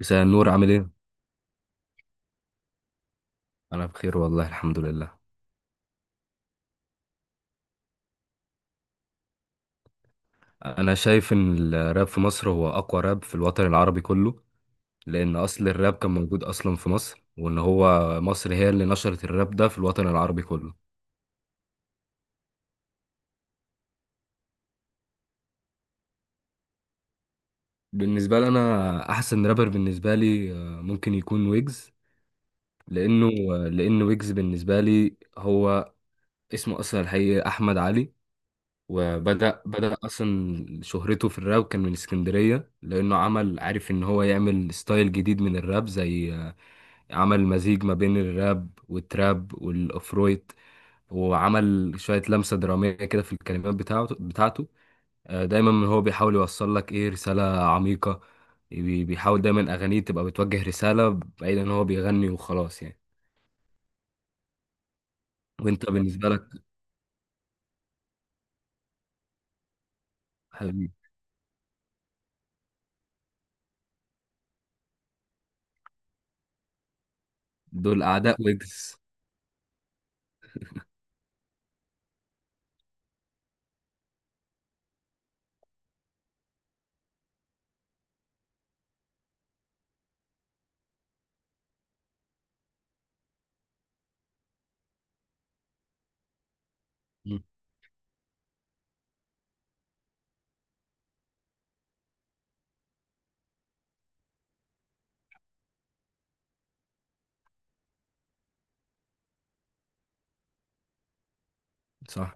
مساء النور، عامل ايه؟ انا بخير والله الحمد لله. انا شايف ان الراب في مصر هو اقوى راب في الوطن العربي كله، لان اصل الراب كان موجود اصلا في مصر، وان هو مصر هي اللي نشرت الراب ده في الوطن العربي كله. بالنسبه لي انا احسن رابر بالنسبه لي، ممكن يكون ويجز. لانه لان ويجز بالنسبه لي هو اسمه اصلا الحقيقي احمد علي. وبدأ أصلا شهرته في الراب كان من اسكندرية، لأنه عمل عارف إن هو يعمل ستايل جديد من الراب، زي عمل مزيج ما بين الراب والتراب والافرويت، وعمل شوية لمسة درامية كده في الكلمات بتاعته بتاعته. دايما هو بيحاول يوصل لك ايه، رسالة عميقة. بيحاول دايما اغانيه تبقى بتوجه رسالة، بعيد ان هو بيغني وخلاص يعني. وانت بالنسبة لك؟ حبيبي، دول اعداء ويجز. مم، صح.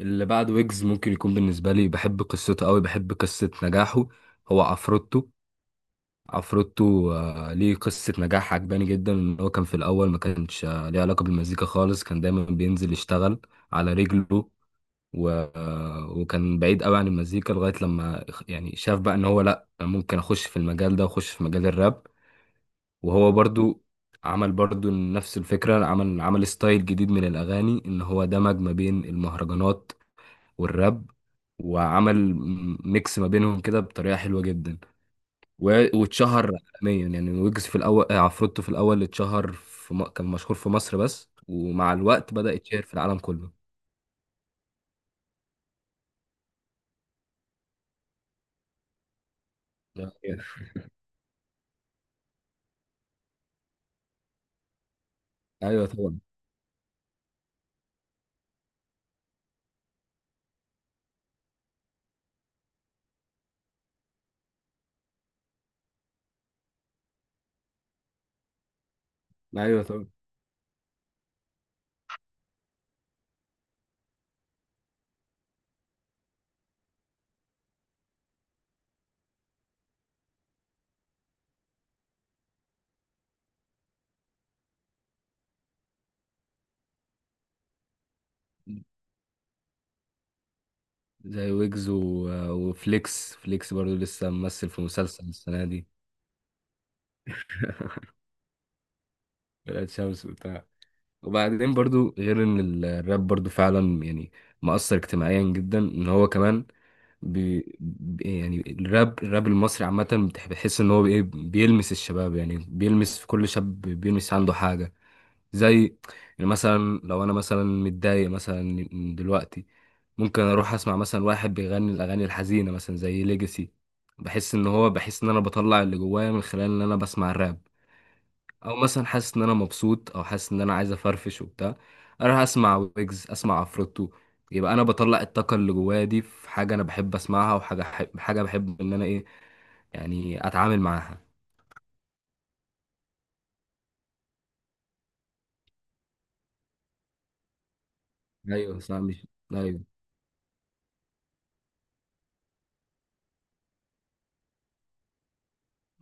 اللي بعد ويجز ممكن يكون بالنسبة لي، بحب قصته قوي، بحب قصة نجاحه. هو عفروتو. عفروتو، ليه قصة نجاح عجباني جدا، ان هو كان في الاول ما كانش ليه علاقة بالمزيكا خالص، كان دايما بينزل يشتغل على رجله. و... وكان بعيد قوي عن المزيكا لغاية لما يعني شاف بقى ان هو، لا، ممكن اخش في المجال ده واخش في مجال الراب. وهو برضو عمل برضو نفس الفكرة، عمل ستايل جديد من الاغاني، ان هو دمج ما بين المهرجانات والراب، وعمل ميكس ما بينهم كده بطريقة حلوة جدا، واتشهر عالميا يعني. ويجز في الاول، عفروتو في الاول اتشهر في كان مشهور في مصر بس، ومع الوقت بدأ يتشهر في العالم كله. يعني. ايوه طبعا. ايوه طبعا. زي ويجز وفليكس، فليكس برضو لسه ممثل في مسلسل السنه دي. ولاد شمس وبتاع. وبعدين برضو، غير ان الراب برضو فعلا يعني مؤثر اجتماعيا جدا، ان هو كمان يعني الراب المصري عامة بتحس ان هو ايه، بيلمس الشباب يعني، بيلمس في كل شاب، بيلمس عنده حاجة، زي يعني مثلا لو انا مثلا متضايق مثلا دلوقتي، ممكن اروح اسمع مثلا واحد بيغني الاغاني الحزينة، مثلا زي ليجاسي، بحس ان هو، بحس ان انا بطلع اللي جوايا من خلال ان انا بسمع الراب. او مثلا حاسس ان انا مبسوط، او حاسس ان انا عايز افرفش وبتاع، اروح اسمع ويجز، اسمع عفروتو. يبقى انا بطلع الطاقه اللي جوايا دي في حاجه انا بحب اسمعها، وحاجه حب حاجه بحب ان انا ايه، يعني اتعامل معاها. ايوه صح، مش ايوه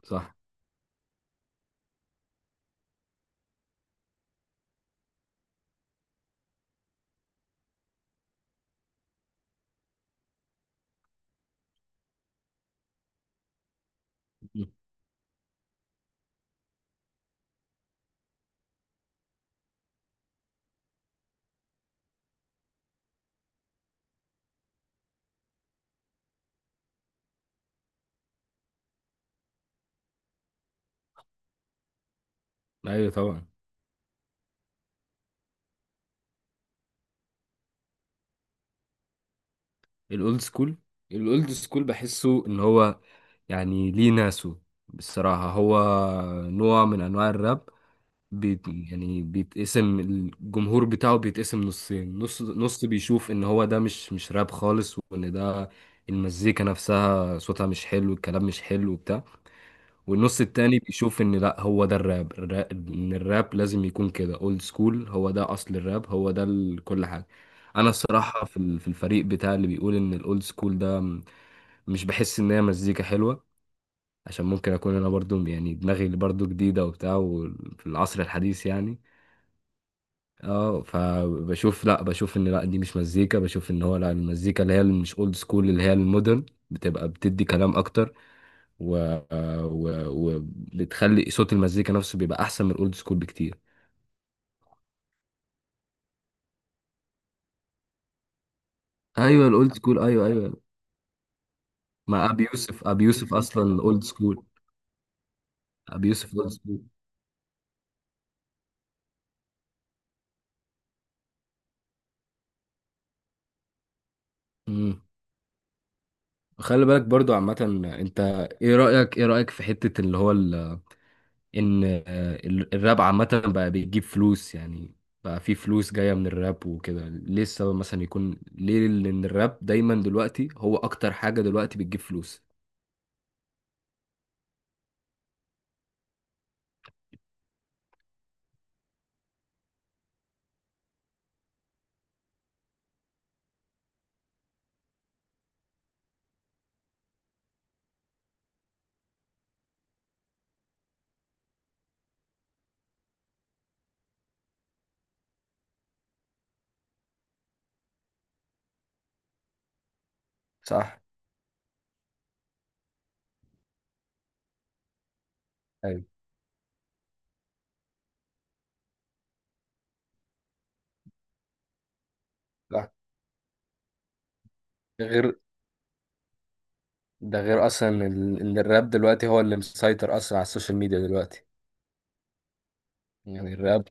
صح. مم. ايوه طبعا. الاولد سكول، الاولد سكول بحسه ان هو، يعني ليه ناسه. بصراحه هو نوع من انواع الراب، يعني بيتقسم الجمهور بتاعه، بيتقسم نصين، نص نص بيشوف ان هو ده مش راب خالص، وان ده المزيكا نفسها صوتها مش حلو، الكلام مش حلو وبتاع. والنص التاني بيشوف ان لا، هو ده الراب، ان الراب لازم يكون كده، اولد سكول، هو ده اصل الراب، هو ده كل حاجة. انا الصراحة في في الفريق بتاع اللي بيقول ان الاولد سكول ده، مش بحس ان هي مزيكا حلوة، عشان ممكن اكون انا برضو يعني دماغي برضو جديدة وبتاع، وفي العصر الحديث يعني. اه، فبشوف، لا، بشوف ان لا، دي مش مزيكا. بشوف ان هو لا، المزيكا اللي هي اللي مش اولد سكول، اللي هي المودرن، بتبقى بتدي كلام اكتر، و... وبتخلي صوت المزيكا نفسه بيبقى احسن من الاولد سكول بكتير. ايوه، الاولد سكول، ايوه ايوه. مع ابي يوسف، ابي يوسف اصلا اولد سكول. ابي يوسف اولد سكول. امم خلي بالك برضو عامة. انت، ايه رأيك في حتة اللي هو، ان الراب عامة بقى بيجيب فلوس يعني. بقى في فلوس جاية من الراب وكده، ليه السبب مثلا يكون ليه، لأن الراب دايما دلوقتي هو أكتر حاجة دلوقتي بتجيب فلوس. صح. ايوه صح. غير ده غير اصلا ان الراب دلوقتي هو اللي مسيطر اصلا على السوشيال ميديا دلوقتي، يعني الراب.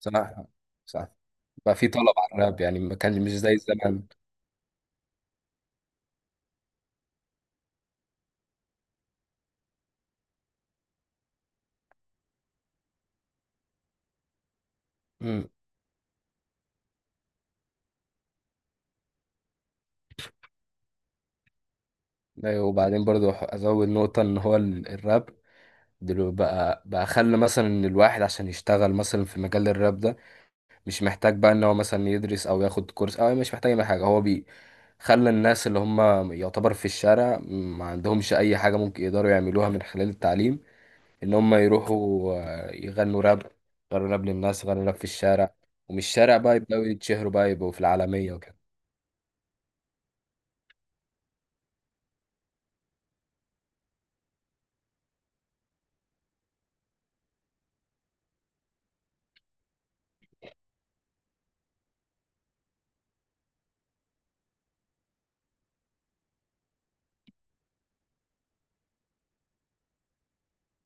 صح، صح. بقى في طلب على الراب يعني، ما كان مش زي زمان. امم ايوه. وبعدين برضو ازود نقطة، ان هو الراب دلوقتي بقى خلى مثلا ان الواحد عشان يشتغل مثلا في مجال الراب ده، مش محتاج بقى ان هو مثلا يدرس او ياخد كورس، او مش محتاج اي حاجه، هو خلى الناس اللي هم يعتبر في الشارع، ما عندهمش اي حاجه ممكن يقدروا يعملوها من خلال التعليم، ان هم يروحوا يغنوا راب، يغنوا راب للناس، يغنوا راب في الشارع، ومن الشارع بقى يبداوا يتشهروا، بقى يبقوا في العالميه وكده.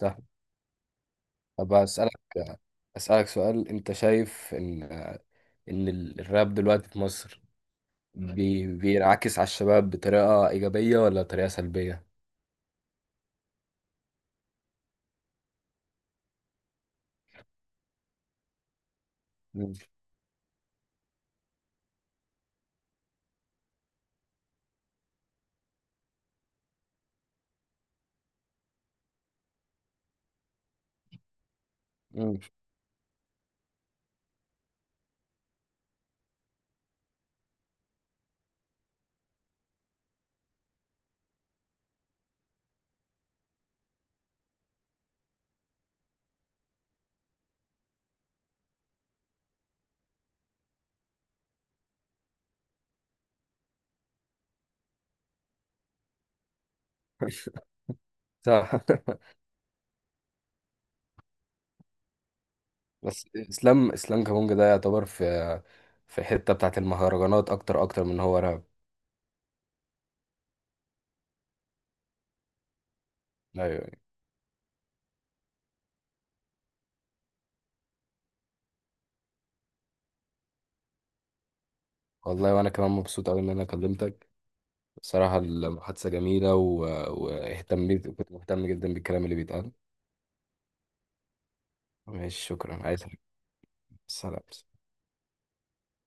صح. طب اسالك سؤال. انت شايف ان ان الراب دلوقتي في مصر بينعكس على الشباب بطريقة إيجابية ولا طريقة سلبية؟ مم. مم. صح. بس اسلام كابونجا ده يعتبر في في حته بتاعت المهرجانات اكتر اكتر من هو راب. ايوه. والله وانا كمان مبسوط قوي ان انا كلمتك. بصراحه المحادثه جميله واهتميت، كنت مهتم جدا بالكلام اللي بيتقال. ماشي، شكرا، عايز حاجة؟ سلام.